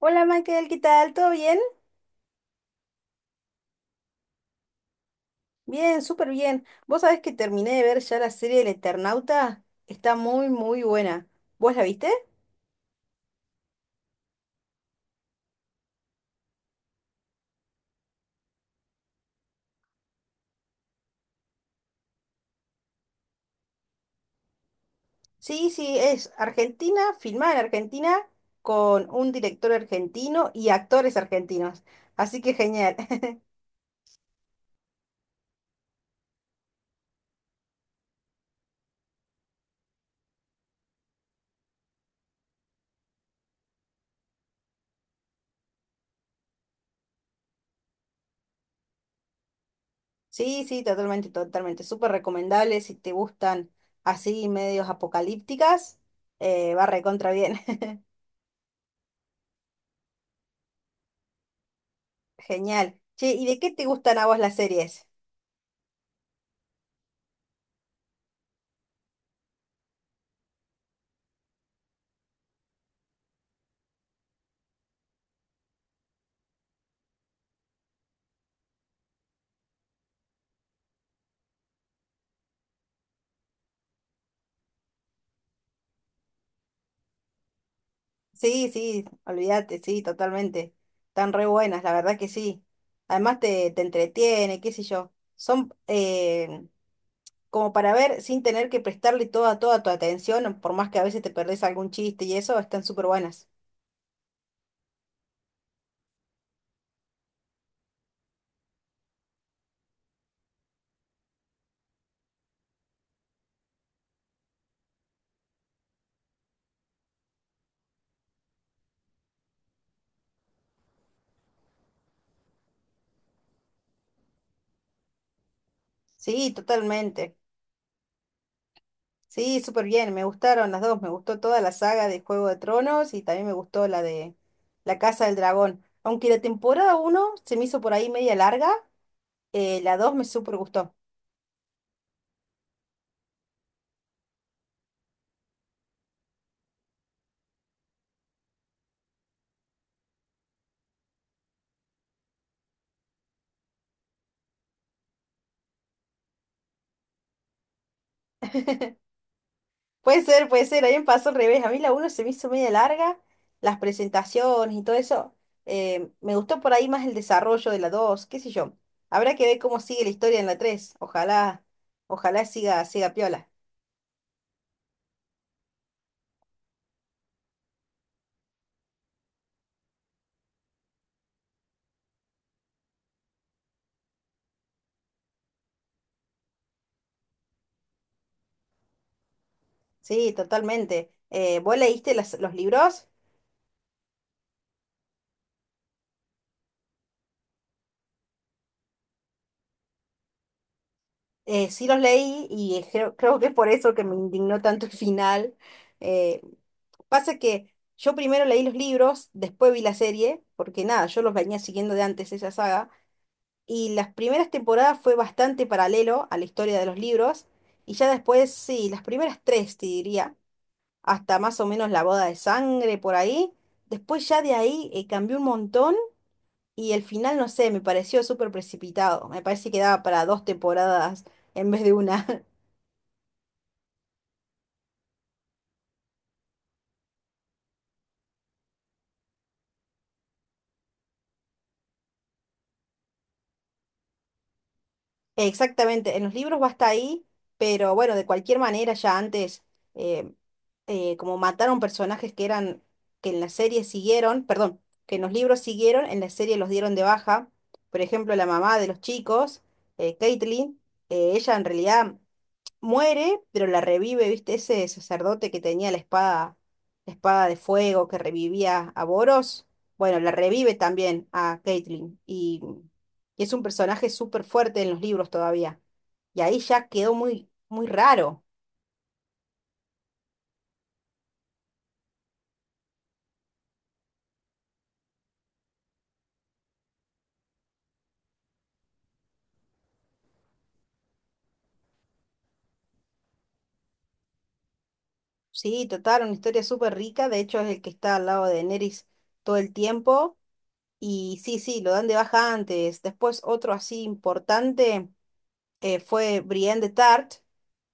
Hola Michael, ¿qué tal? ¿Todo bien? Bien, súper bien. Vos sabés que terminé de ver ya la serie El Eternauta. Está muy, muy buena. ¿Vos la viste? Sí, sí, es Argentina, filmada en Argentina, con un director argentino y actores argentinos. Así que genial. Sí, sí, totalmente, totalmente. Súper recomendable si te gustan así medios apocalípticas. Va recontra bien. Genial. Che, ¿y de qué te gustan a vos las series? Sí, sí, olvídate, sí, totalmente. Están re buenas, la verdad que sí. Además te entretiene, qué sé yo. Son como para ver sin tener que prestarle toda, toda tu atención, por más que a veces te perdés algún chiste y eso, están súper buenas. Sí, totalmente. Sí, súper bien, me gustaron las dos. Me gustó toda la saga de Juego de Tronos y también me gustó la de La Casa del Dragón. Aunque la temporada uno se me hizo por ahí media larga, la 2 me súper gustó. Puede ser, a mí me pasó al revés. A mí la uno se me hizo media larga, las presentaciones y todo eso. Me gustó por ahí más el desarrollo de la 2. Qué sé yo. Habrá que ver cómo sigue la historia en la tres. Ojalá, ojalá siga, siga piola. Sí, totalmente. ¿Vos leíste los libros? Sí los leí y creo que es por eso que me indignó tanto el final. Eh, pasa que yo primero leí los libros, después vi la serie, porque nada, yo los venía siguiendo de antes esa saga, y las primeras temporadas fue bastante paralelo a la historia de los libros, y ya después, sí, las primeras tres, te diría, hasta más o menos la boda de sangre por ahí, después ya de ahí cambió un montón y el final, no sé, me pareció súper precipitado, me parece que daba para dos temporadas en vez de una. Exactamente, en los libros va hasta ahí, pero bueno, de cualquier manera ya antes, eh, como mataron personajes que eran, que en la serie siguieron, perdón, que en los libros siguieron, en la serie los dieron de baja. Por ejemplo, la mamá de los chicos, Caitlyn, ella en realidad muere, pero la revive, ¿viste? Ese sacerdote que tenía la espada de fuego que revivía a Boros. Bueno, la revive también a Caitlyn y es un personaje súper fuerte en los libros todavía. Y ahí ya quedó muy, muy raro. Sí, total, una historia súper rica. De hecho, es el que está al lado de Daenerys todo el tiempo. Y sí, sí, lo dan de baja antes. Después otro así importante fue Brienne de Tart.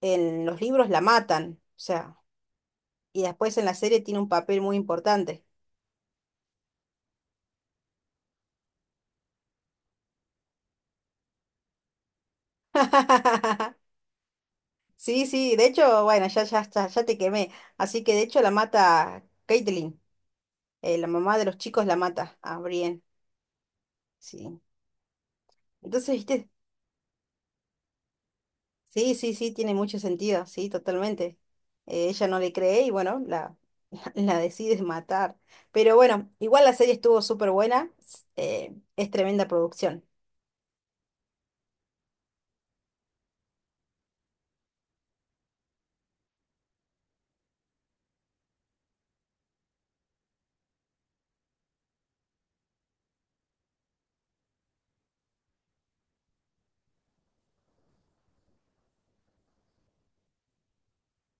En los libros la matan. O sea, y después en la serie tiene un papel muy importante. Sí, sí, de hecho, bueno, ya, ya, está, ya te quemé. Así que de hecho la mata Caitlyn, la mamá de los chicos la mata a Brienne. Sí. Entonces, ¿viste? Sí, sí, sí, tiene mucho sentido, sí, totalmente. Ella no le cree y bueno, la, la decide matar. Pero bueno, igual la serie estuvo súper buena, es tremenda producción.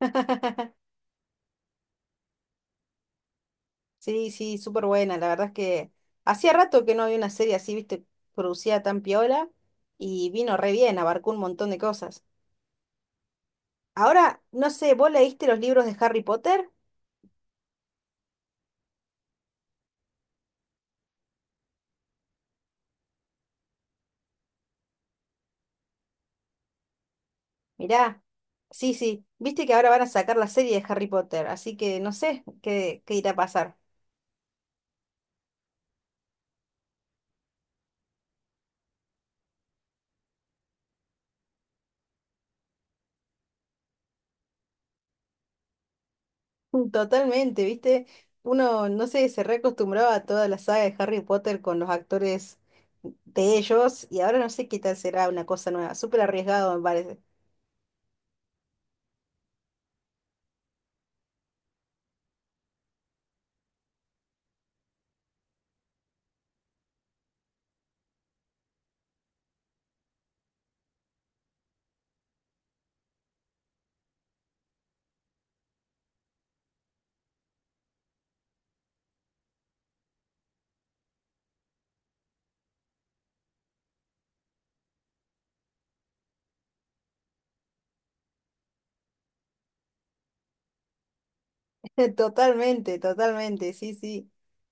Sí, sí, súper buena. La verdad es que hacía rato que no había una serie así, viste, producida tan piola y vino re bien, abarcó un montón de cosas. Ahora, no sé, ¿vos leíste los libros de Harry Potter? Mirá, sí, sí, viste que ahora van a sacar la serie de Harry Potter, así que no sé qué, qué irá a pasar. Mm, totalmente, viste, uno, no sé, se reacostumbraba a toda la saga de Harry Potter con los actores de ellos y ahora no sé qué tal será una cosa nueva, súper arriesgado me parece. Totalmente, totalmente, sí, sí,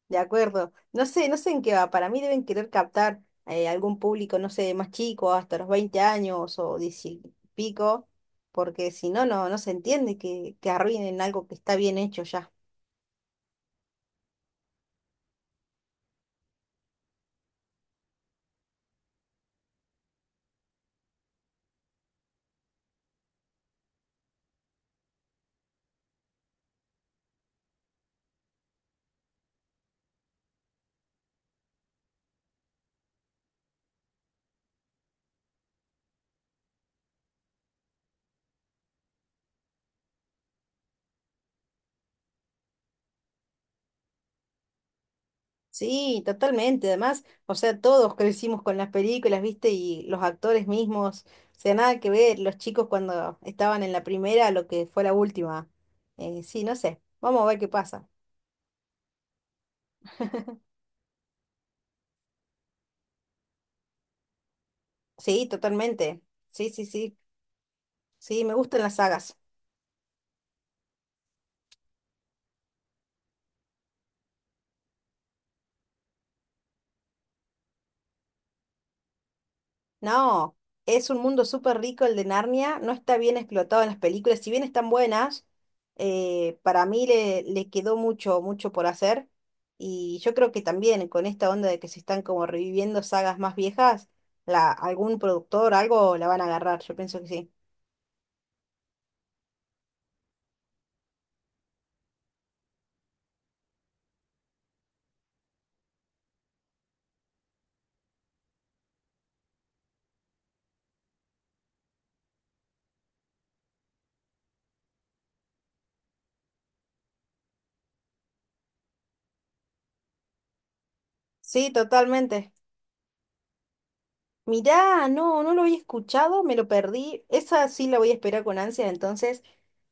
de acuerdo. No sé, no sé en qué va, para mí deben querer captar algún público, no sé, más chico, hasta los 20 años o 10 y pico, porque si no, no se entiende que arruinen algo que está bien hecho ya. Sí, totalmente, además, o sea, todos crecimos con las películas, ¿viste? Y los actores mismos, o sea, nada que ver, los chicos cuando estaban en la primera, a lo que fue la última. Sí, no sé, vamos a ver qué pasa. Sí, totalmente. Sí, sí, sí. Sí, me gustan las sagas. No, es un mundo súper rico el de Narnia. No está bien explotado en las películas. Si bien están buenas, para mí le quedó mucho, mucho por hacer. Y yo creo que también con esta onda de que se están como reviviendo sagas más viejas, la, algún productor, algo la van a agarrar. Yo pienso que sí. Sí, totalmente. Mirá, no, no lo había escuchado, me lo perdí. Esa sí la voy a esperar con ansia, entonces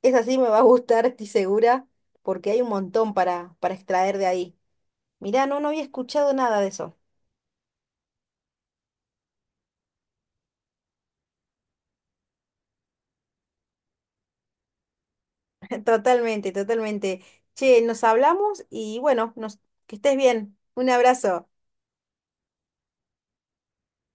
esa sí me va a gustar, estoy segura, porque hay un montón para extraer de ahí. Mirá, no, no había escuchado nada de eso. Totalmente, totalmente. Che, nos hablamos y bueno, nos, que estés bien. Un abrazo.